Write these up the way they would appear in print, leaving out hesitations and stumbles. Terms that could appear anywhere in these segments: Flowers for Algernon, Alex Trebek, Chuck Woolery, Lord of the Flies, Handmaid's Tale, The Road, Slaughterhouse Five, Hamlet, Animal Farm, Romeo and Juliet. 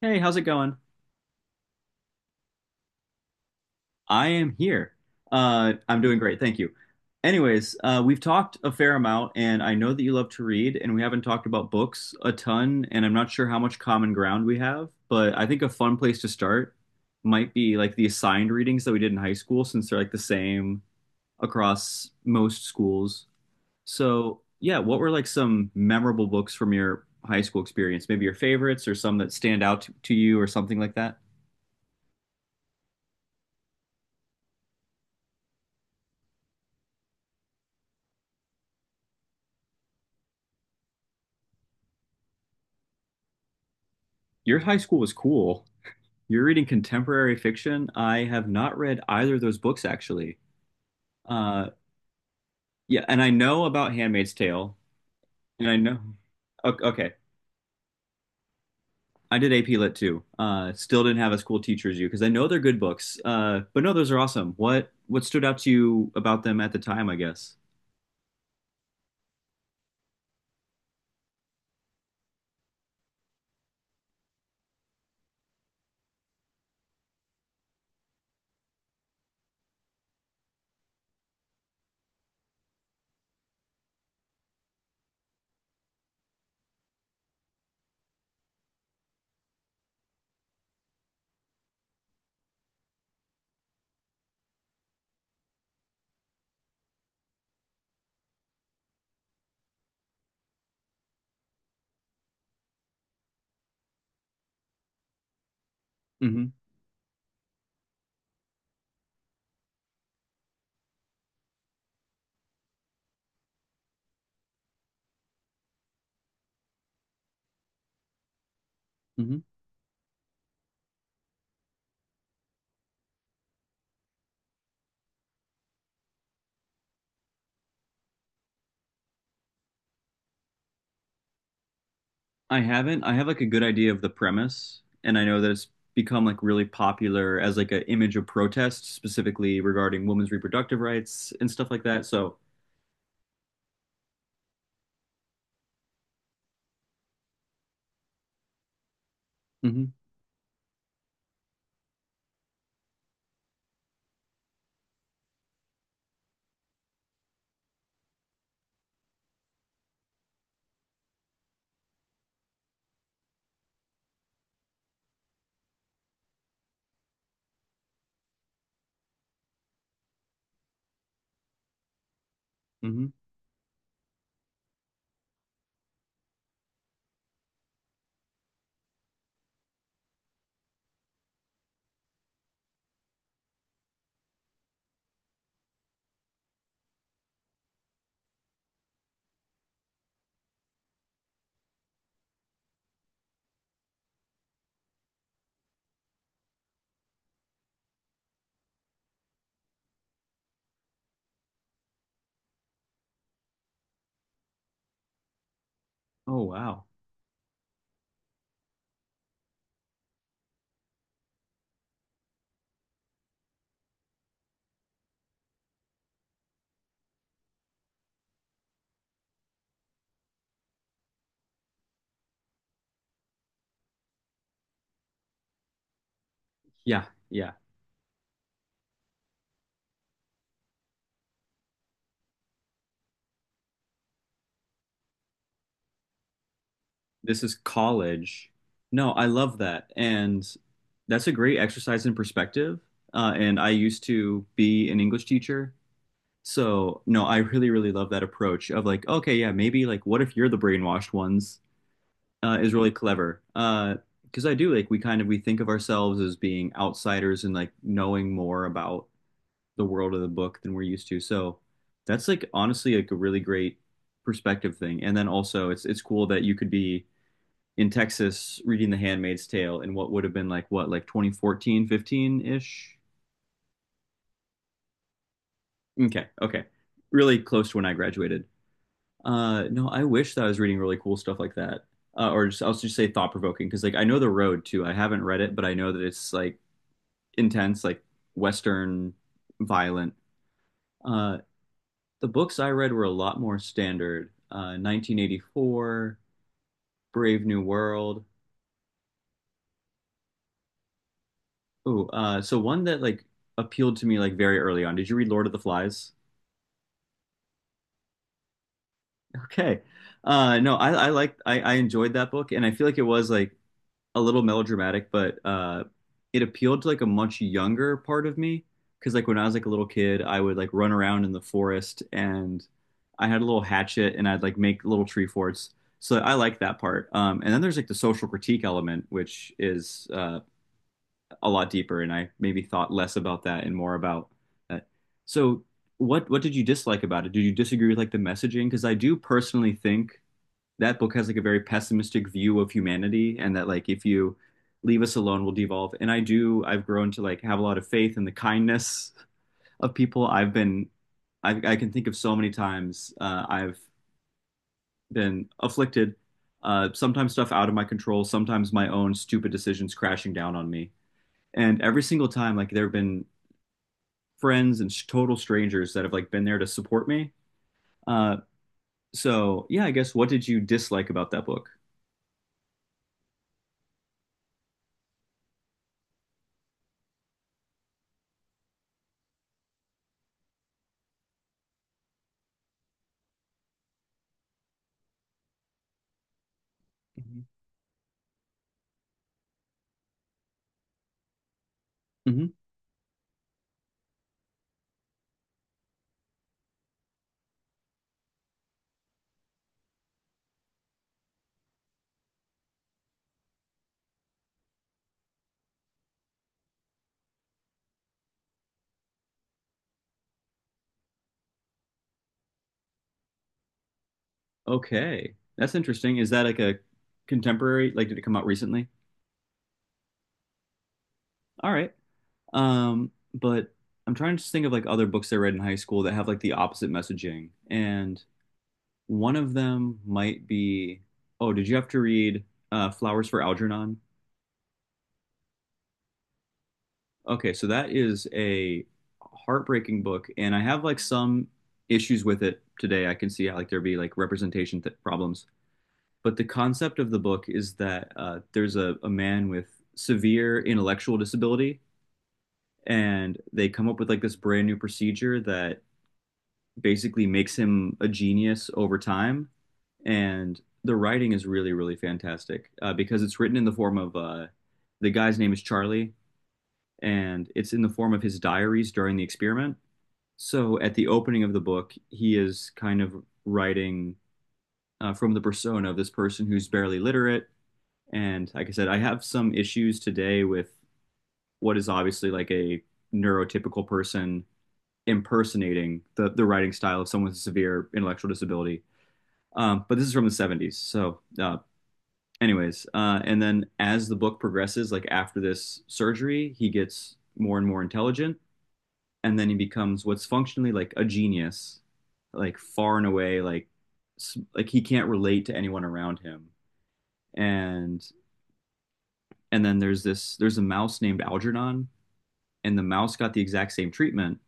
Hey, how's it going? I am here. I'm doing great, thank you. Anyways, we've talked a fair amount, and I know that you love to read, and we haven't talked about books a ton, and I'm not sure how much common ground we have, but I think a fun place to start might be like the assigned readings that we did in high school, since they're like the same across most schools. So, yeah, what were like some memorable books from your high school experience? Maybe your favorites or some that stand out to you or something like that? Your high school was cool. You're reading contemporary fiction. I have not read either of those books actually. Uh, yeah, and I know about Handmaid's Tale, and I know. Okay, I did AP Lit too. Still didn't have as cool teacher as you because I know they're good books. But no, those are awesome. What stood out to you about them at the time, I guess? Hmm hmm I haven't. I have like a good idea of the premise, and I know that it's become like really popular as like an image of protest, specifically regarding women's reproductive rights and stuff like that. So hmm hmm oh wow. Yeah, yeah. This is college. No, I love that. And that's a great exercise in perspective. And I used to be an English teacher. So, no, I really, really love that approach of like, okay, yeah, maybe like what if you're the brainwashed ones is really clever. Because I do like we think of ourselves as being outsiders and like knowing more about the world of the book than we're used to. So that's like honestly like a really great perspective thing. And then also it's cool that you could be in Texas reading The Handmaid's Tale in what would have been like what like 2014, 15-ish. Okay, okay. Really close to when I graduated. No, I wish that I was reading really cool stuff like that. Or just I'll just say thought provoking because like I know The Road too. I haven't read it, but I know that it's like intense, like Western violent. Uh, the books I read were a lot more standard. 1984, Brave New World. Ooh, so one that like appealed to me like very early on. Did you read Lord of the Flies? Okay. No, I enjoyed that book, and I feel like it was like a little melodramatic, but it appealed to like a much younger part of me because like when I was like a little kid, I would like run around in the forest and I had a little hatchet and I'd like make little tree forts. So I like that part. And then there's like the social critique element, which is a lot deeper, and I maybe thought less about that and more about that. So what did you dislike about it? Did you disagree with like the messaging? Because I do personally think that book has like a very pessimistic view of humanity and that like if you leave us alone we'll devolve and I've grown to like have a lot of faith in the kindness of people I can think of so many times I've been afflicted, sometimes stuff out of my control, sometimes my own stupid decisions crashing down on me, and every single time like there have been friends and total strangers that have like been there to support me. uh, so yeah, I guess what did you dislike about that book? Mhm. hmm Okay. That's interesting. Is that like a contemporary? Like, did it come out recently? All right. But I'm trying to just think of like other books I read in high school that have like the opposite messaging. And one of them might be, oh, did you have to read Flowers for Algernon? Okay, so that is a heartbreaking book, and I have like some issues with it today. I can see how like there be like representation th problems. But the concept of the book is that there's a man with severe intellectual disability, and they come up with like this brand new procedure that basically makes him a genius over time. And the writing is really, really fantastic because it's written in the form of the guy's name is Charlie, and it's in the form of his diaries during the experiment. So at the opening of the book, he is kind of writing from the persona of this person who's barely literate. And like I said, I have some issues today with what is obviously like a neurotypical person impersonating the writing style of someone with a severe intellectual disability. But this is from the 70s. So, anyways, and then as the book progresses, like after this surgery, he gets more and more intelligent. And then he becomes what's functionally like a genius, like far and away, like he can't relate to anyone around him. And then there's a mouse named Algernon, and the mouse got the exact same treatment,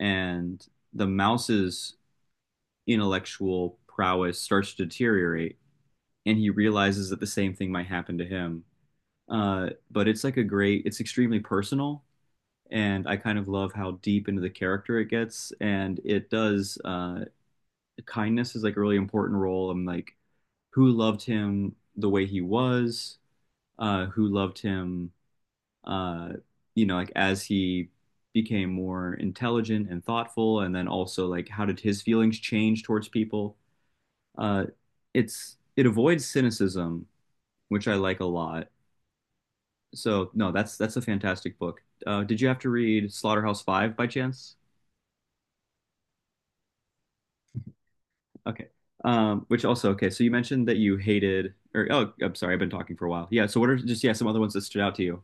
and the mouse's intellectual prowess starts to deteriorate, and he realizes that the same thing might happen to him. But it's like a great, it's extremely personal, and I kind of love how deep into the character it gets. And it does, kindness is like a really important role. I'm like, who loved him the way he was, who loved him, uh, like as he became more intelligent and thoughtful, and then also like how did his feelings change towards people? Uh, it's, it avoids cynicism, which I like a lot. So no, that's a fantastic book. Did you have to read Slaughterhouse Five by chance? Okay. Which also okay. So you mentioned that you hated, or oh, I'm sorry, I've been talking for a while. Yeah. So what are just yeah some other ones that stood out to you?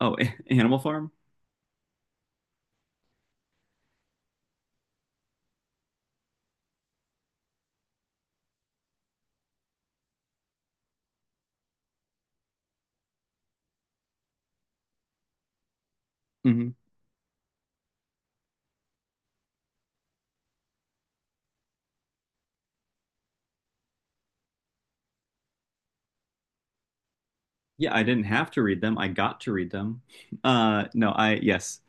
Oh, Animal Farm. Hmm Yeah, I didn't have to read them. I got to read them. No, I yes,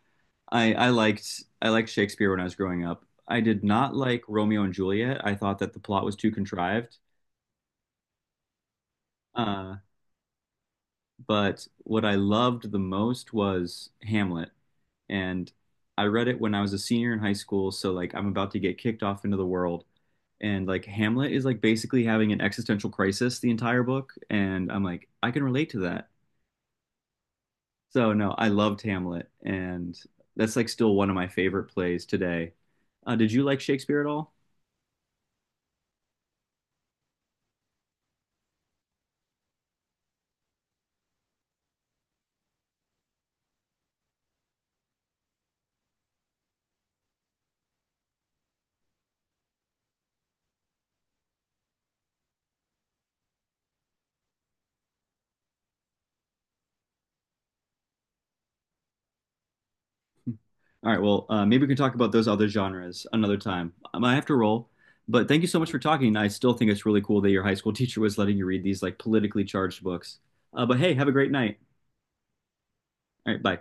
I liked Shakespeare when I was growing up. I did not like Romeo and Juliet. I thought that the plot was too contrived. Uh, but what I loved the most was Hamlet, and I read it when I was a senior in high school. So like I'm about to get kicked off into the world, and like Hamlet is like basically having an existential crisis the entire book, and I'm like I can relate to that. So no, I loved Hamlet, and that's like still one of my favorite plays today. Did you like Shakespeare at all? All right, well, maybe we can talk about those other genres another time. I have to roll, but thank you so much for talking. I still think it's really cool that your high school teacher was letting you read these like politically charged books. But hey, have a great night. All right, bye.